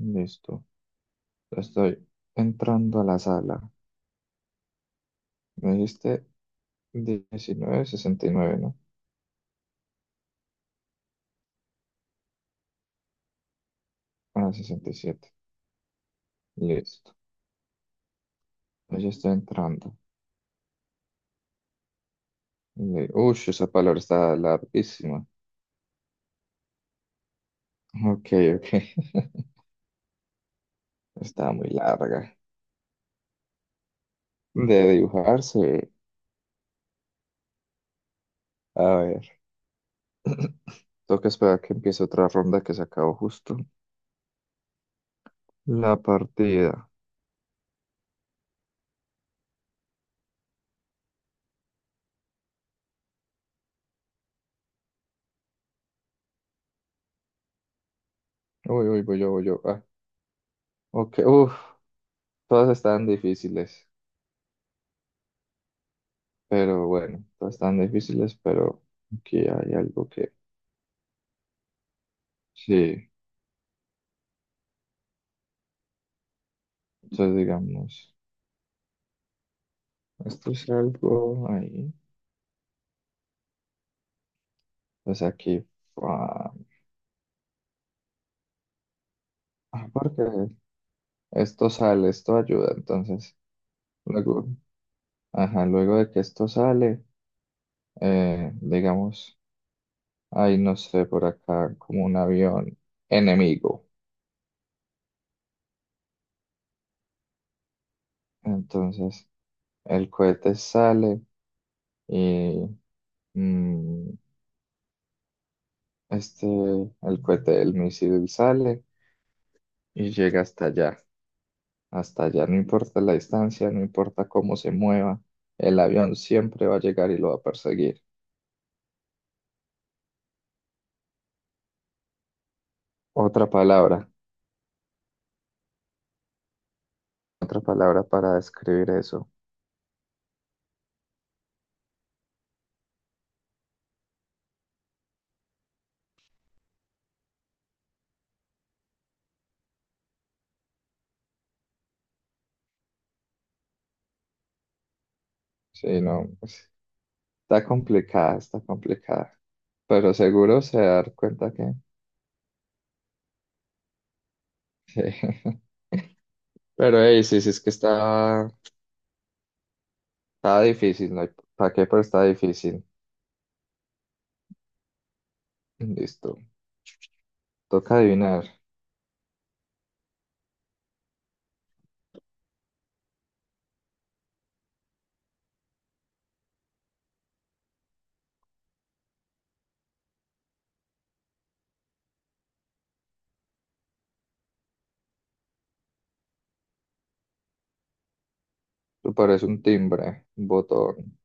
Listo. Estoy entrando a la sala. Me dijiste 1969, ¿no? Ah, 67. Listo. Pues ya estoy entrando. Uy, esa palabra está larguísima. Ok, ok. Está muy larga. De dibujarse. A ver. Toca esperar que empiece otra ronda que se acabó justo. La partida. Uy, uy, voy yo, voy yo. Ah, ok. Uf, todas están difíciles. Pero bueno, todas están difíciles, pero aquí hay algo que... Sí, entonces digamos, esto es algo ahí, pues aquí, ah, ah, porque esto sale, esto ayuda, entonces, luego, ajá, luego de que esto sale, digamos, ahí no sé, por acá, como un avión enemigo, entonces, el cohete sale y mm, este, el cohete, el misil sale y llega hasta allá. Hasta allá no importa la distancia, no importa cómo se mueva, el avión siempre va a llegar y lo va a perseguir. Otra palabra, otra palabra para describir eso. Sí, no, está complicada, está complicada. Pero seguro se va a dar cuenta que... Sí. Pero hey, sí, sí, es que está, está difícil, no hay para qué, pero está difícil. Listo. Toca adivinar. Tú pareces un timbre, un botón,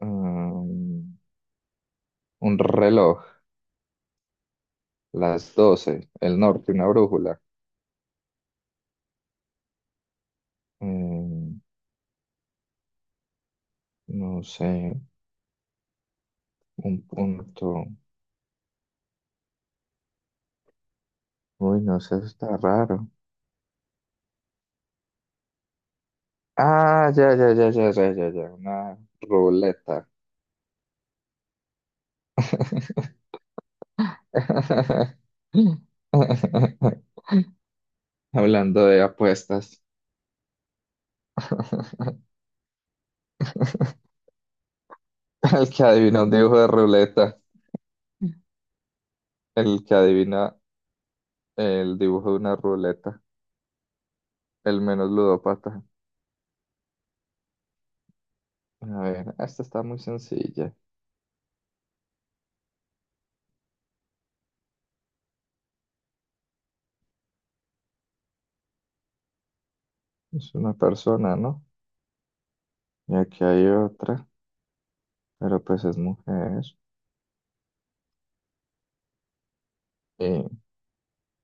mm, un reloj, las 12, el norte, una brújula. Mm, no sé, un punto. Uy, no sé, eso está raro. Ah, ya, ya, ya, ya, ya, ya, ya, una ruleta. Hablando de apuestas, el que adivina un dibujo de ruleta, el que adivina el dibujo de una ruleta, el menos ludópata. A ver, esta está muy sencilla. Es una persona, ¿no? Y aquí hay otra, pero pues es mujer.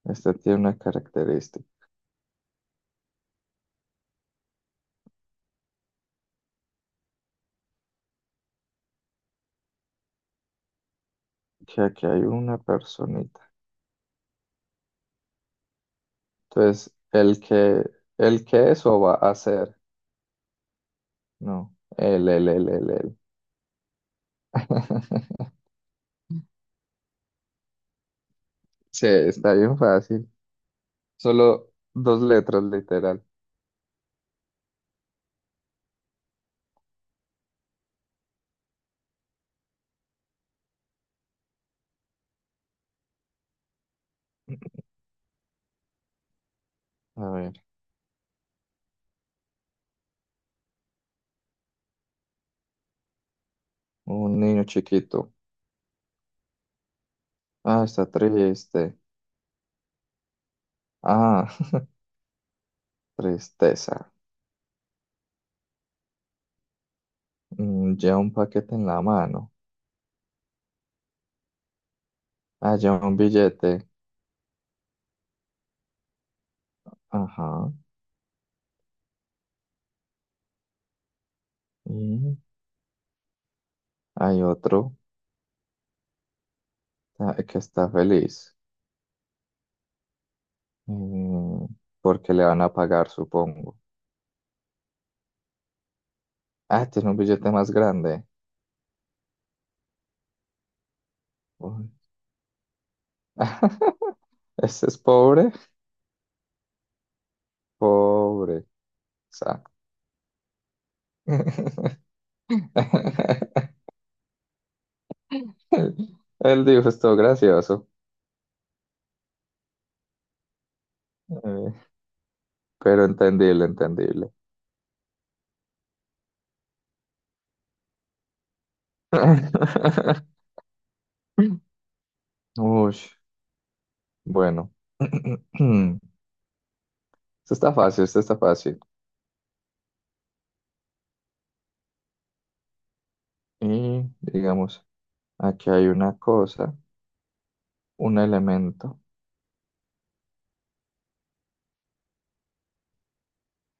Este tiene una característica, que aquí hay una personita. Entonces, el que eso va a hacer, no, el. Sí, está bien fácil. Solo dos letras, literal. A ver, un niño chiquito. Ah, está triste. Ah, tristeza. Mm, lleva un paquete en la mano. Ah, lleva un billete. Ajá. Y hay otro, ah, que está feliz. Mm, porque le van a pagar, supongo. Ah, tiene un billete más grande. Uy. Ese es pobre. Pobre. Exacto. El, el dibujo estuvo gracioso, eh, pero entendible, entendible. Uy, bueno. Esto está fácil, esto está fácil. Y digamos, aquí hay una cosa, un elemento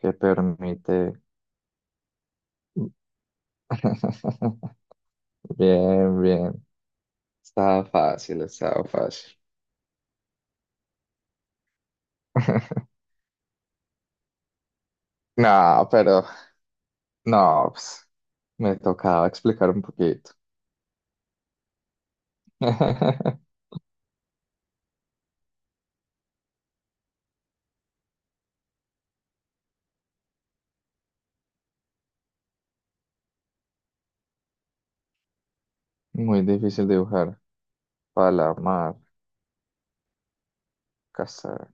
que permite... Bien, bien. Estaba fácil, estaba fácil. No, pero no, pues, me tocaba explicar un poquito. Muy difícil dibujar. Palamar, casa.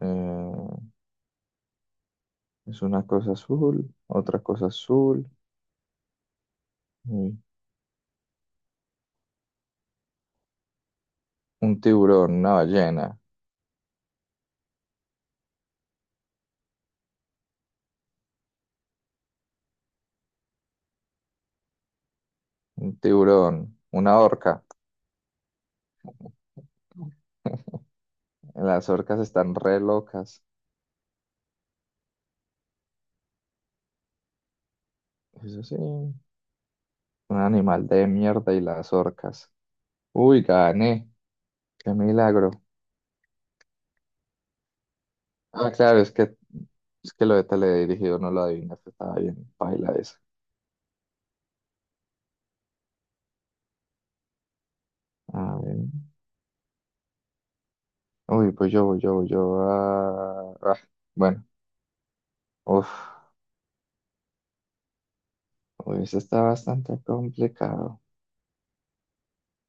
eh, es una cosa azul, otra cosa azul. Mm, un tiburón, una ballena, un tiburón, una orca. Las orcas están re locas. Eso sí, un animal de mierda y las orcas. Uy, gané. Qué milagro. Ah, claro, es que lo de teledirigido no lo adivinaste, estaba bien, paila esa. A ver. Uy, pues yo, voy yo, voy yo. Ah, ah, bueno, uf, uy, eso está bastante complicado.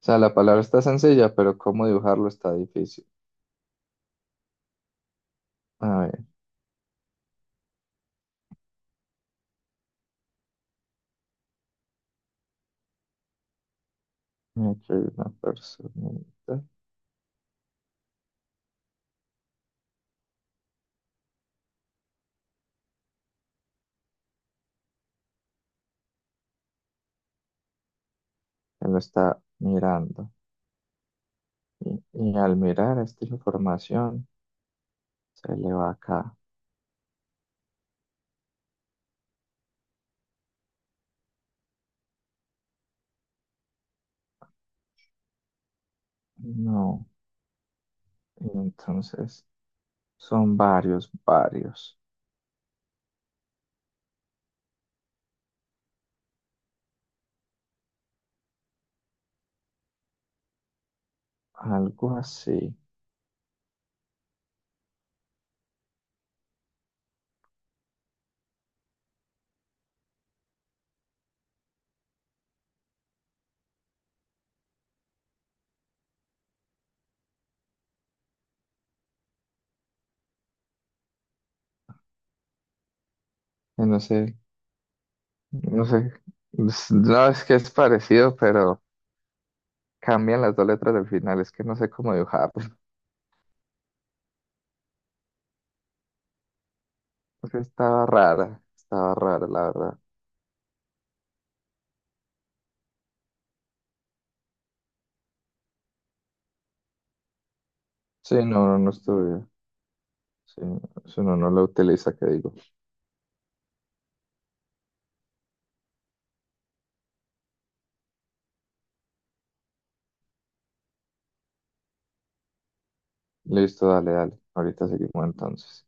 O sea, la palabra está sencilla, pero cómo dibujarlo está difícil. A ver, aquí hay una personita que lo está mirando. Y al mirar esta información, se le va acá. No, y entonces son varios, varios. Algo así. No sé, no sé. Es- No es que es parecido, pero cambian las dos letras del final. Es que no sé cómo dibujar. Porque estaba rara, la verdad. Sí, no, no, no estuve. Sí, si uno no lo utiliza, ¿qué digo? Listo, dale, dale. Ahorita seguimos entonces.